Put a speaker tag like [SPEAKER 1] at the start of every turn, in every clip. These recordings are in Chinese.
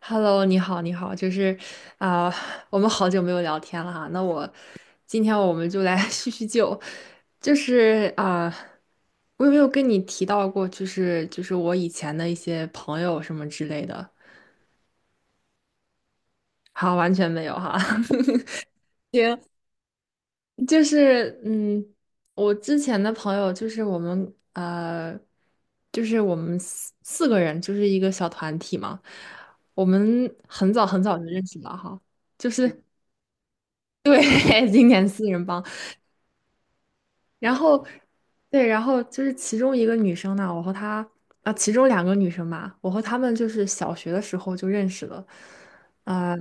[SPEAKER 1] Hello，你好，你好，啊、我们好久没有聊天了哈。今天我们就来 叙叙旧，就是啊、我有没有跟你提到过，就是我以前的一些朋友什么之类的？好，完全没有哈。行，就是嗯，我之前的朋友就是我们就是我们四个人，就是一个小团体嘛。我们很早很早就认识了哈，就是。对，今年四人帮，然后对，然后就是其中一个女生呢，我和她啊，其中两个女生吧，我和她们就是小学的时候就认识了，啊。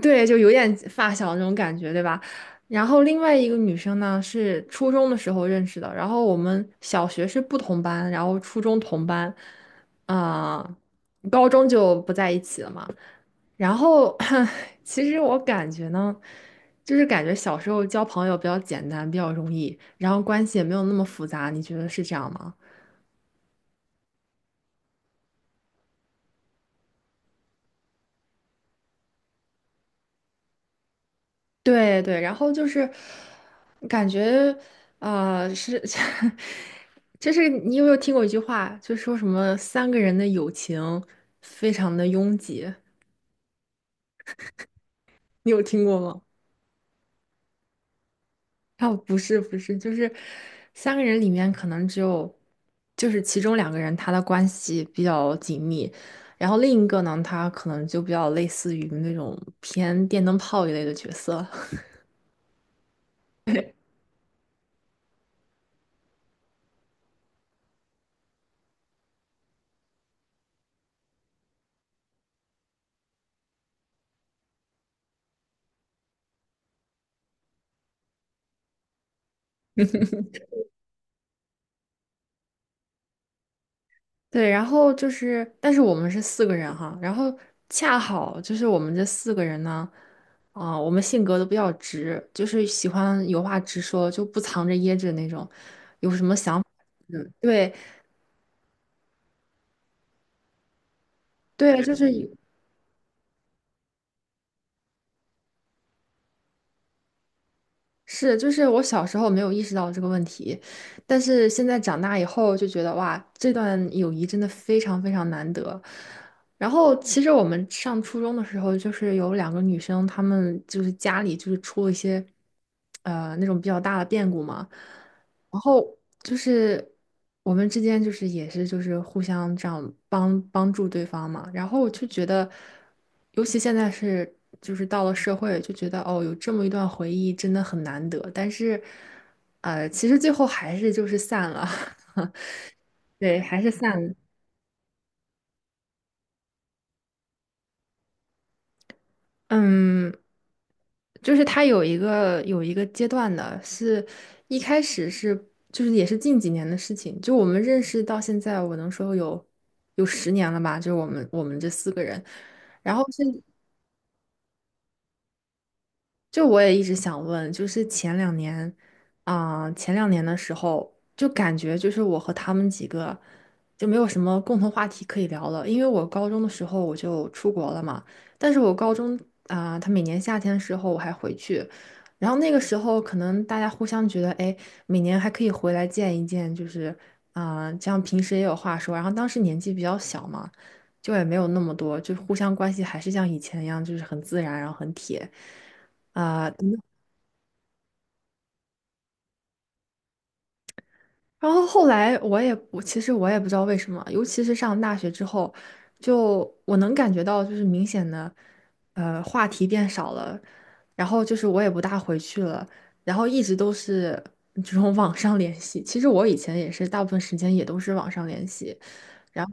[SPEAKER 1] 对，就有点发小那种感觉，对吧？然后另外一个女生呢，是初中的时候认识的，然后我们小学是不同班，然后初中同班，啊、高中就不在一起了嘛。然后 其实我感觉呢，就是感觉小时候交朋友比较简单，比较容易，然后关系也没有那么复杂，你觉得是这样吗？对对，然后就是感觉是，就是你有没有听过一句话，就说什么三个人的友情非常的拥挤，你有听过吗？啊，不是不是，就是三个人里面可能只有，就是其中两个人他的关系比较紧密，然后另一个呢，他可能就比较类似于那种偏电灯泡一类的角色。对，然后就是，但是我们是四个人哈，然后恰好就是我们这四个人呢，我们性格都比较直，就是喜欢有话直说，就不藏着掖着那种，有什么想法，嗯，对对，就是。是，就是我小时候没有意识到这个问题，但是现在长大以后就觉得哇，这段友谊真的非常非常难得。然后其实我们上初中的时候，就是有两个女生，她们就是家里就是出了一些那种比较大的变故嘛，然后就是我们之间就是也是就是互相这样帮助对方嘛，然后我就觉得，尤其现在是就是到了社会，就觉得哦，有这么一段回忆真的很难得，但是，其实最后还是就是散了，对，还是散了。嗯，就是他有一个阶段的，是一开始是就是也是近几年的事情，就我们认识到现在，我能说有10年了吧，就是我们这四个人，然后是。就我也一直想问，就是前两年，前两年的时候，就感觉就是我和他们几个就没有什么共同话题可以聊了，因为我高中的时候我就出国了嘛，但是我高中啊、他每年夏天的时候我还回去，然后那个时候可能大家互相觉得，哎，每年还可以回来见一见，这样平时也有话说，然后当时年纪比较小嘛，就也没有那么多，就互相关系还是像以前一样，就是很自然，然后很铁。等等然后后来我其实不知道为什么，尤其是上大学之后，就我能感觉到就是明显的，话题变少了，然后就是我也不大回去了，然后一直都是这种 网上联系。其实我以前也是大部分时间也都是网上联系，然后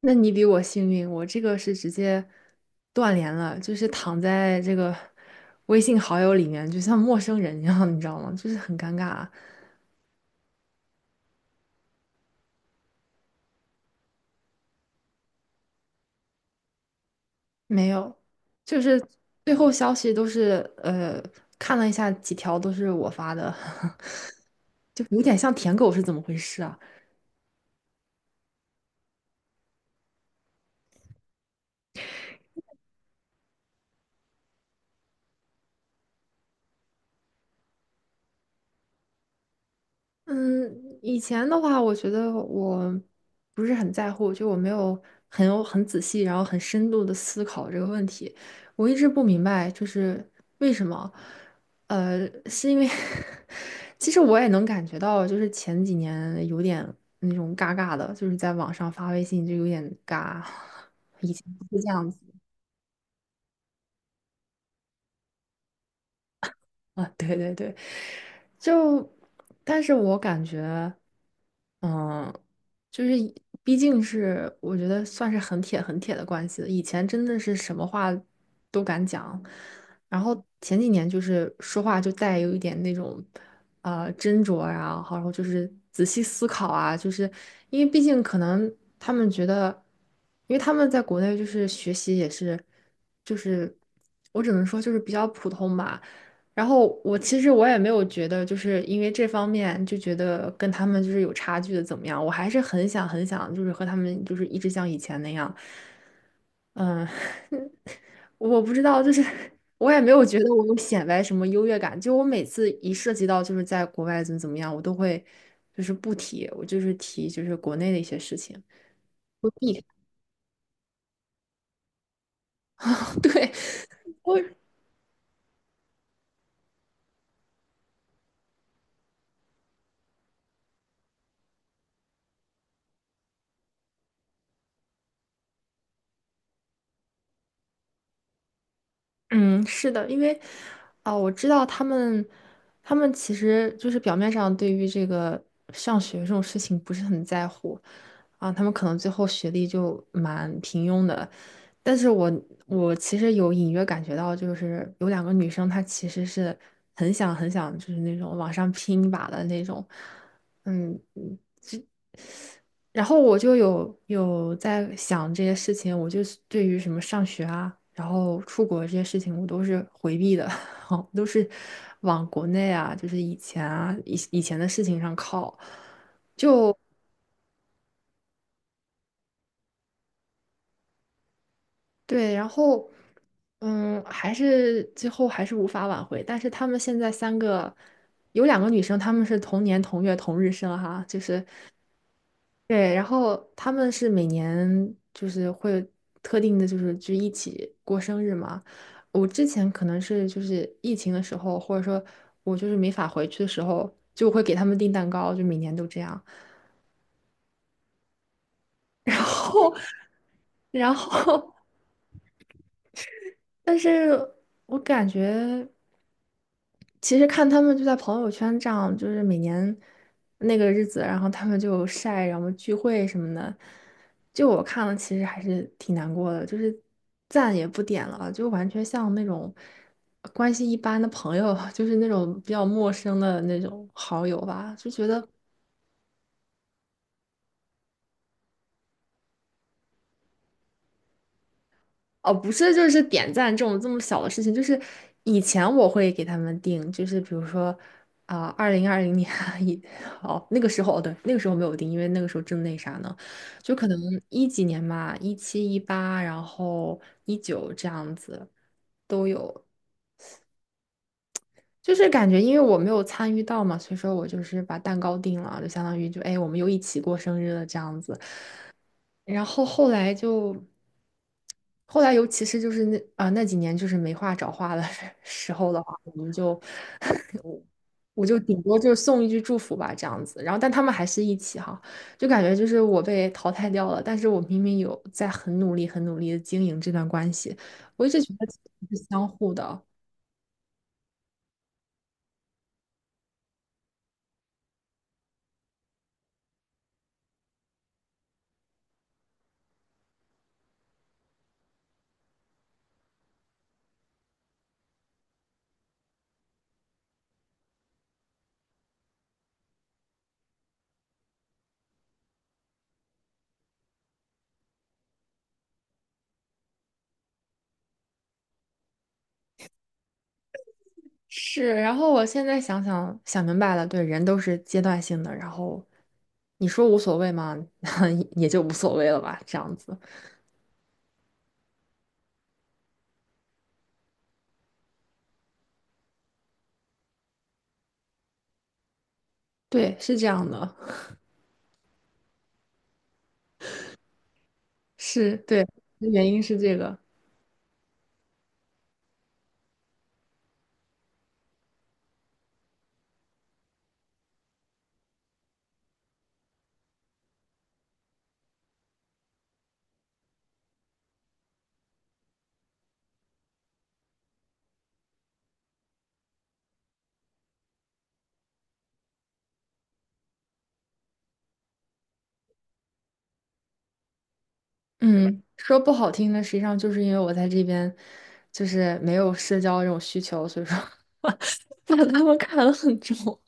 [SPEAKER 1] 那你比我幸运，我这个是直接断联了，就是躺在这个 微信好友里面，就像陌生人一样，你知道吗？就是很尴尬。没有，就是最后消息都是看了一下几条都是我发的，就有点像舔狗是怎么回事啊？嗯，以前的话，我觉得我不是很在乎，就我没有很仔细，然后很深度的思考这个问题。我一直不明白，就是为什么？是因为 其实我也能感觉到，就是前几年有点那种尬尬的，就是在网上发微信就有点尬，以前不是这样子啊，对对对，就，但是我感觉。嗯，就是以毕竟是我觉得算是很铁很铁的关系了。以前真的是什么话都敢讲，然后前几年就是说话就带有一点那种斟酌啊，然后就是仔细思考啊，就是因为毕竟可能他们觉得，因为他们在国内就是学习也是，就是我只能说就是比较普通吧。然后我其实没有觉得，就是因为这方面就觉得跟他们就是有差距的怎么样，我还是很想很想，就是和他们就是一直像以前那样，嗯，我不知道，就是我也没有觉得我有显摆什么优越感，就我每次一涉及到就是在国外怎么怎么样，我都会就是不提，我就是提就是国内的一些事情，我避开，对，我嗯，是的，因为，我知道他们，他们其实就是表面上对于这个上学这种事情不是很在乎，他们可能最后学历就蛮平庸的，但是我其实有隐约感觉到，就是有两个女生，她其实是很想很想，就是那种往上拼一把的那种，嗯，嗯然后我就有在想这些事情，我就是对于什么上学啊，然后出国这些事情，我都是回避的，我都是往国内啊，就是以前啊，以前的事情上靠。就对，然后嗯，还是最后还是无法挽回。但是他们现在三个有两个女生，她们是同年同月同日生哈，就是。对，然后他们是每年就是会特定的，就是就一起过生日嘛。我之前可能是就是疫情的时候，或者说我就是没法回去的时候，就会给他们订蛋糕，就每年都这样。然后，然后，但是我感觉。其实看他们就在朋友圈这样，就是每年那个日子，然后他们就晒，然后聚会什么的，就我看了，其实还是挺难过的，就是赞也不点了，就完全像那种关系一般的朋友，就是那种比较陌生的那种好友吧，就觉得哦，不是，就是点赞这种这么小的事情，就是以前我会给他们定，就是比如说啊，2020年 一，哦，那个时候，哦，对，那个时候没有定，因为那个时候正那啥呢，就可能一几年吧，17、18，然后19这样子都有，就是感觉因为我没有参与到嘛，所以说我就是把蛋糕定了，就相当于就哎，我们又一起过生日了这样子。然后后来就，后来尤其是就是那几年就是没话找话的 时候的话，我们就 我就顶多就是送一句祝福吧这样子。然后但他们还是一起哈，就感觉就是我被淘汰掉了，但是我明明有在很努力、很努力的经营这段关系，我一直觉得是相互的。是，然后我现在想明白了，对，人都是阶段性的，然后你说无所谓吗？也就无所谓了吧，这样子。对，是这样的，是对，原因是这个。嗯，说不好听的，实际上就是因为我在这边就是没有社交这种需求，所以说 把他们看得很重。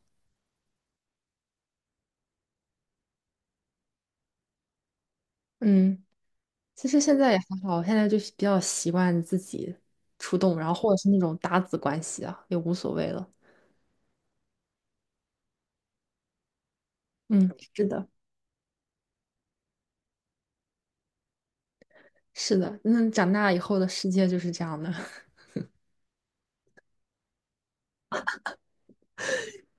[SPEAKER 1] 嗯，其实现在也还好，现在就是比较习惯自己出动，然后或者是那种搭子关系啊，也无所谓了。嗯，是的，是的，那长大以后的世界就是这样的。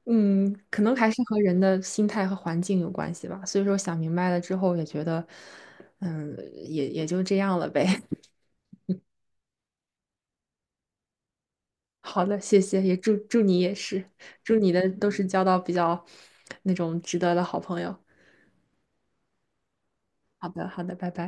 [SPEAKER 1] 嗯，可能还是和人的心态和环境有关系吧。所以说想明白了之后，也觉得，嗯，也就这样了呗。好的，谢谢，也祝你也是，祝你的都是交到比较那种值得的好朋友。好的，好的，拜拜。